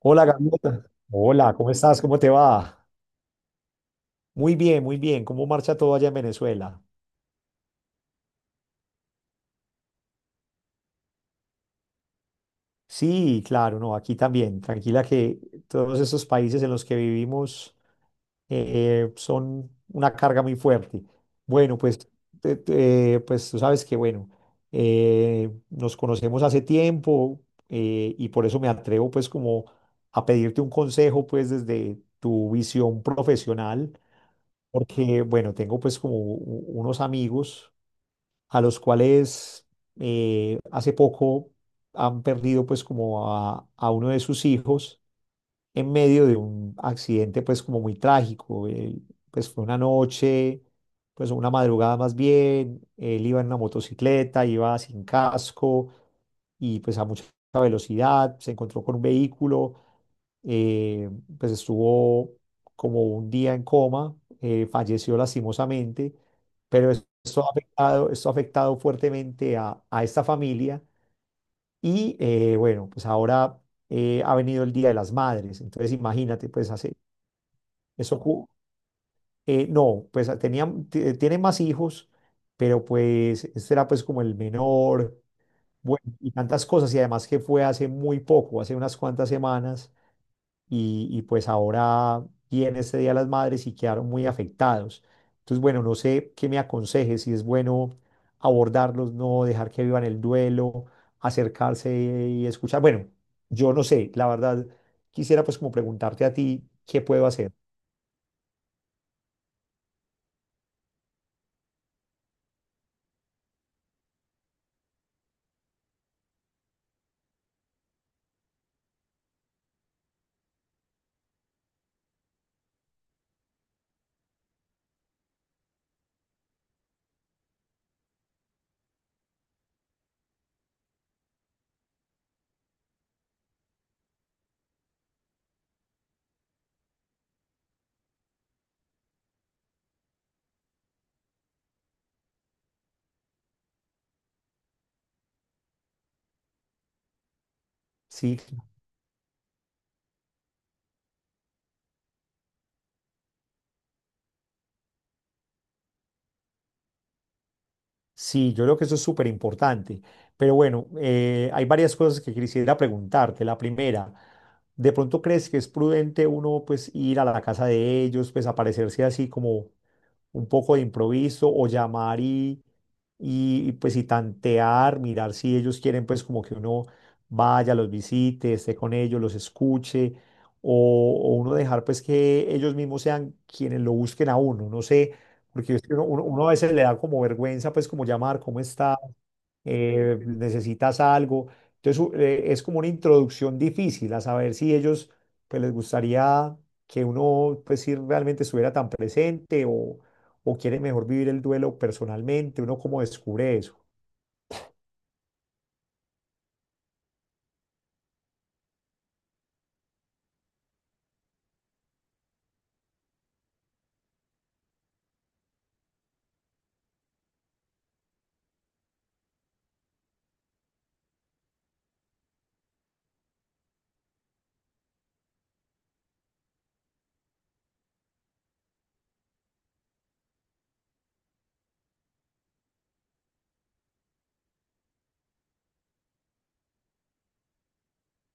Hola, Gaviota. Hola, ¿cómo estás? ¿Cómo te va? Muy bien, muy bien. ¿Cómo marcha todo allá en Venezuela? Sí, claro, no, aquí también. Tranquila que todos estos países en los que vivimos son una carga muy fuerte. Bueno, pues, pues tú sabes que, bueno, nos conocemos hace tiempo, y por eso me atrevo pues como a pedirte un consejo pues desde tu visión profesional. Porque, bueno, tengo pues como unos amigos a los cuales hace poco han perdido pues como a uno de sus hijos en medio de un accidente pues como muy trágico. Él, pues fue una noche, pues una madrugada más bien, él iba en una motocicleta, iba sin casco y pues a mucha velocidad, se encontró con un vehículo, eh, pues estuvo como un día en coma, falleció lastimosamente, pero esto ha afectado fuertemente a esta familia. Y bueno, pues ahora ha venido el Día de las Madres, entonces imagínate, pues hace eso, no, pues tenía, tiene más hijos, pero pues este era pues como el menor, bueno, y tantas cosas y además que fue hace muy poco, hace unas cuantas semanas. Y, y pues ahora viene este Día de las Madres y quedaron muy afectados. Entonces, bueno, no sé qué me aconseje, si es bueno abordarlos, no dejar que vivan el duelo, acercarse y escuchar. Bueno, yo no sé, la verdad, quisiera pues como preguntarte a ti, ¿qué puedo hacer? Sí, sí, yo creo que eso es súper importante. Pero bueno, hay varias cosas que quisiera preguntarte. La primera, ¿de pronto crees que es prudente uno pues ir a la casa de ellos, pues aparecerse así como un poco de improviso o llamar y pues y tantear, mirar si ellos quieren pues como que uno vaya, los visite, esté con ellos, los escuche o uno dejar pues que ellos mismos sean quienes lo busquen a uno? No sé. Porque es que uno, uno a veces le da como vergüenza, pues como llamar, cómo está. Necesitas algo. Entonces es como una introducción difícil a saber si ellos pues les gustaría que uno pues si realmente estuviera tan presente o quiere mejor vivir el duelo personalmente, uno como descubre eso.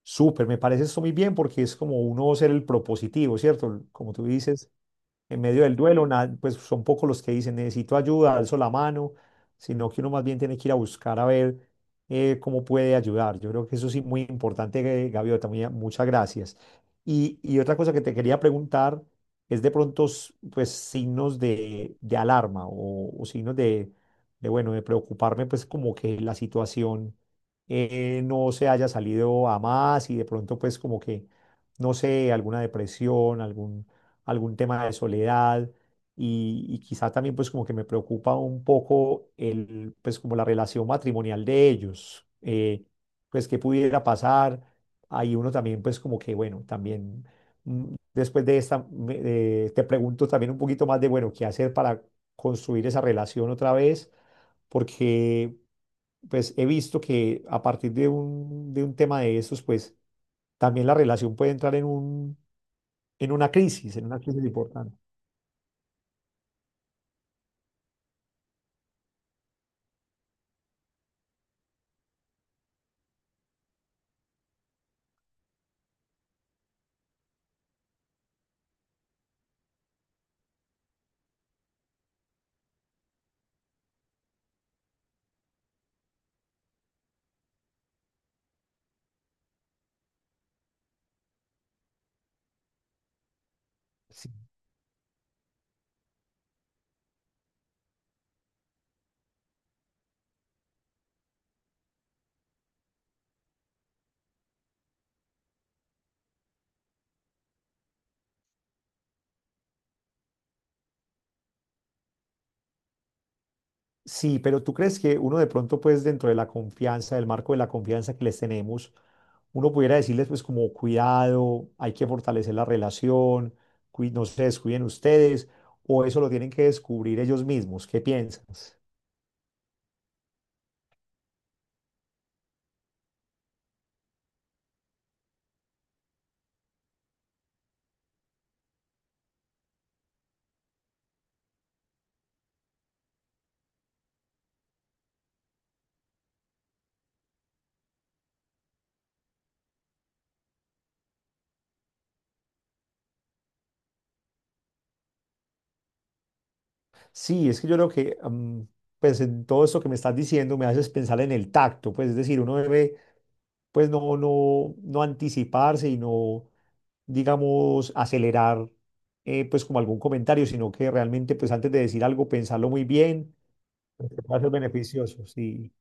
Súper, me parece esto muy bien porque es como uno ser el propositivo, ¿cierto? Como tú dices en medio del duelo, pues son pocos los que dicen necesito ayuda, alzo la mano, sino que uno más bien tiene que ir a buscar a ver cómo puede ayudar. Yo creo que eso sí, muy importante, Gaviota, muchas gracias. Y otra cosa que te quería preguntar es de pronto, pues, signos de alarma o signos de, bueno, de preocuparme, pues, como que la situación no se haya salido a más y de pronto, pues, como que, no sé, alguna depresión, algún algún tema de soledad y quizá también pues como que me preocupa un poco el, pues como la relación matrimonial de ellos, pues qué pudiera pasar. Ahí uno también pues como que bueno, también después de esta, te pregunto también un poquito más de bueno, qué hacer para construir esa relación otra vez, porque pues he visto que a partir de un tema de estos pues también la relación puede entrar en un, en una crisis importante. Sí, sí, pero tú crees que uno de pronto, pues dentro de la confianza, del marco de la confianza que les tenemos, uno pudiera decirles pues como cuidado, hay que fortalecer la relación, no se descuiden ustedes, o eso lo tienen que descubrir ellos mismos. ¿Qué piensas? Sí, es que yo creo que, pues en todo esto que me estás diciendo me haces pensar en el tacto, pues es decir, uno debe, pues no, no, no anticiparse y no, digamos, acelerar, pues como algún comentario, sino que realmente, pues antes de decir algo, pensarlo muy bien, va a ser beneficioso, sí.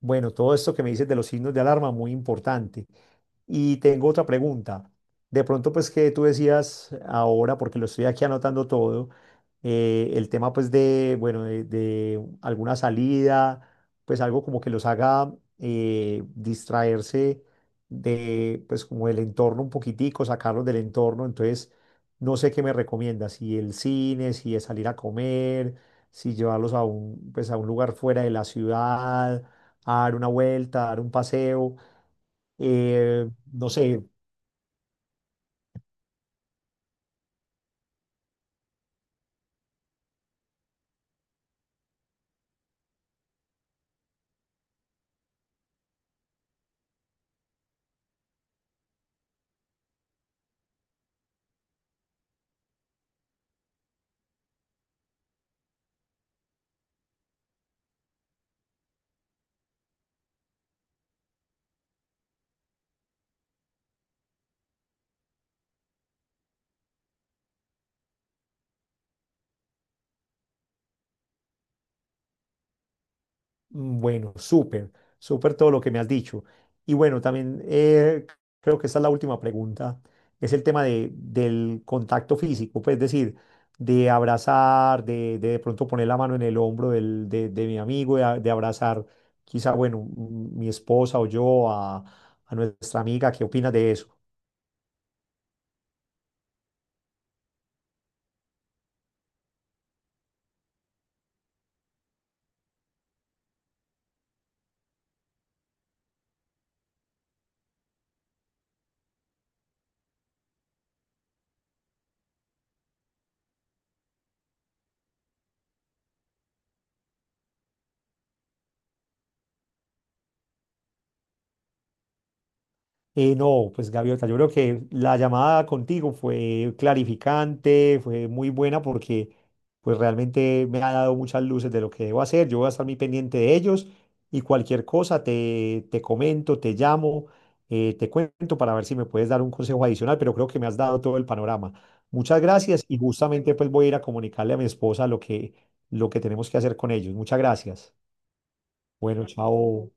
Bueno, todo esto que me dices de los signos de alarma, muy importante. Y tengo otra pregunta. De pronto, pues que tú decías ahora, porque lo estoy aquí anotando todo, el tema pues de, bueno, de alguna salida, pues algo como que los haga distraerse de, pues como del entorno un poquitico, sacarlos del entorno. Entonces, no sé qué me recomiendas, si el cine, si es salir a comer, si llevarlos a un, pues a un lugar fuera de la ciudad a dar una vuelta, a dar un paseo, no sé. Mm, bueno, súper, súper todo lo que me has dicho. Y bueno, también creo que esta es la última pregunta, es el tema de, del contacto físico, pues es decir, de abrazar, de pronto poner la mano en el hombro del, de mi amigo, de abrazar quizá, bueno, mm, mi esposa o yo a nuestra amiga, ¿qué opinas de eso? No, pues Gaviota, yo creo que la llamada contigo fue clarificante, fue muy buena porque pues realmente me ha dado muchas luces de lo que debo hacer. Yo voy a estar muy pendiente de ellos y cualquier cosa te, te comento, te llamo, te cuento para ver si me puedes dar un consejo adicional, pero creo que me has dado todo el panorama. Muchas gracias y justamente pues voy a ir a comunicarle a mi esposa lo que tenemos que hacer con ellos. Muchas gracias. Bueno, chao.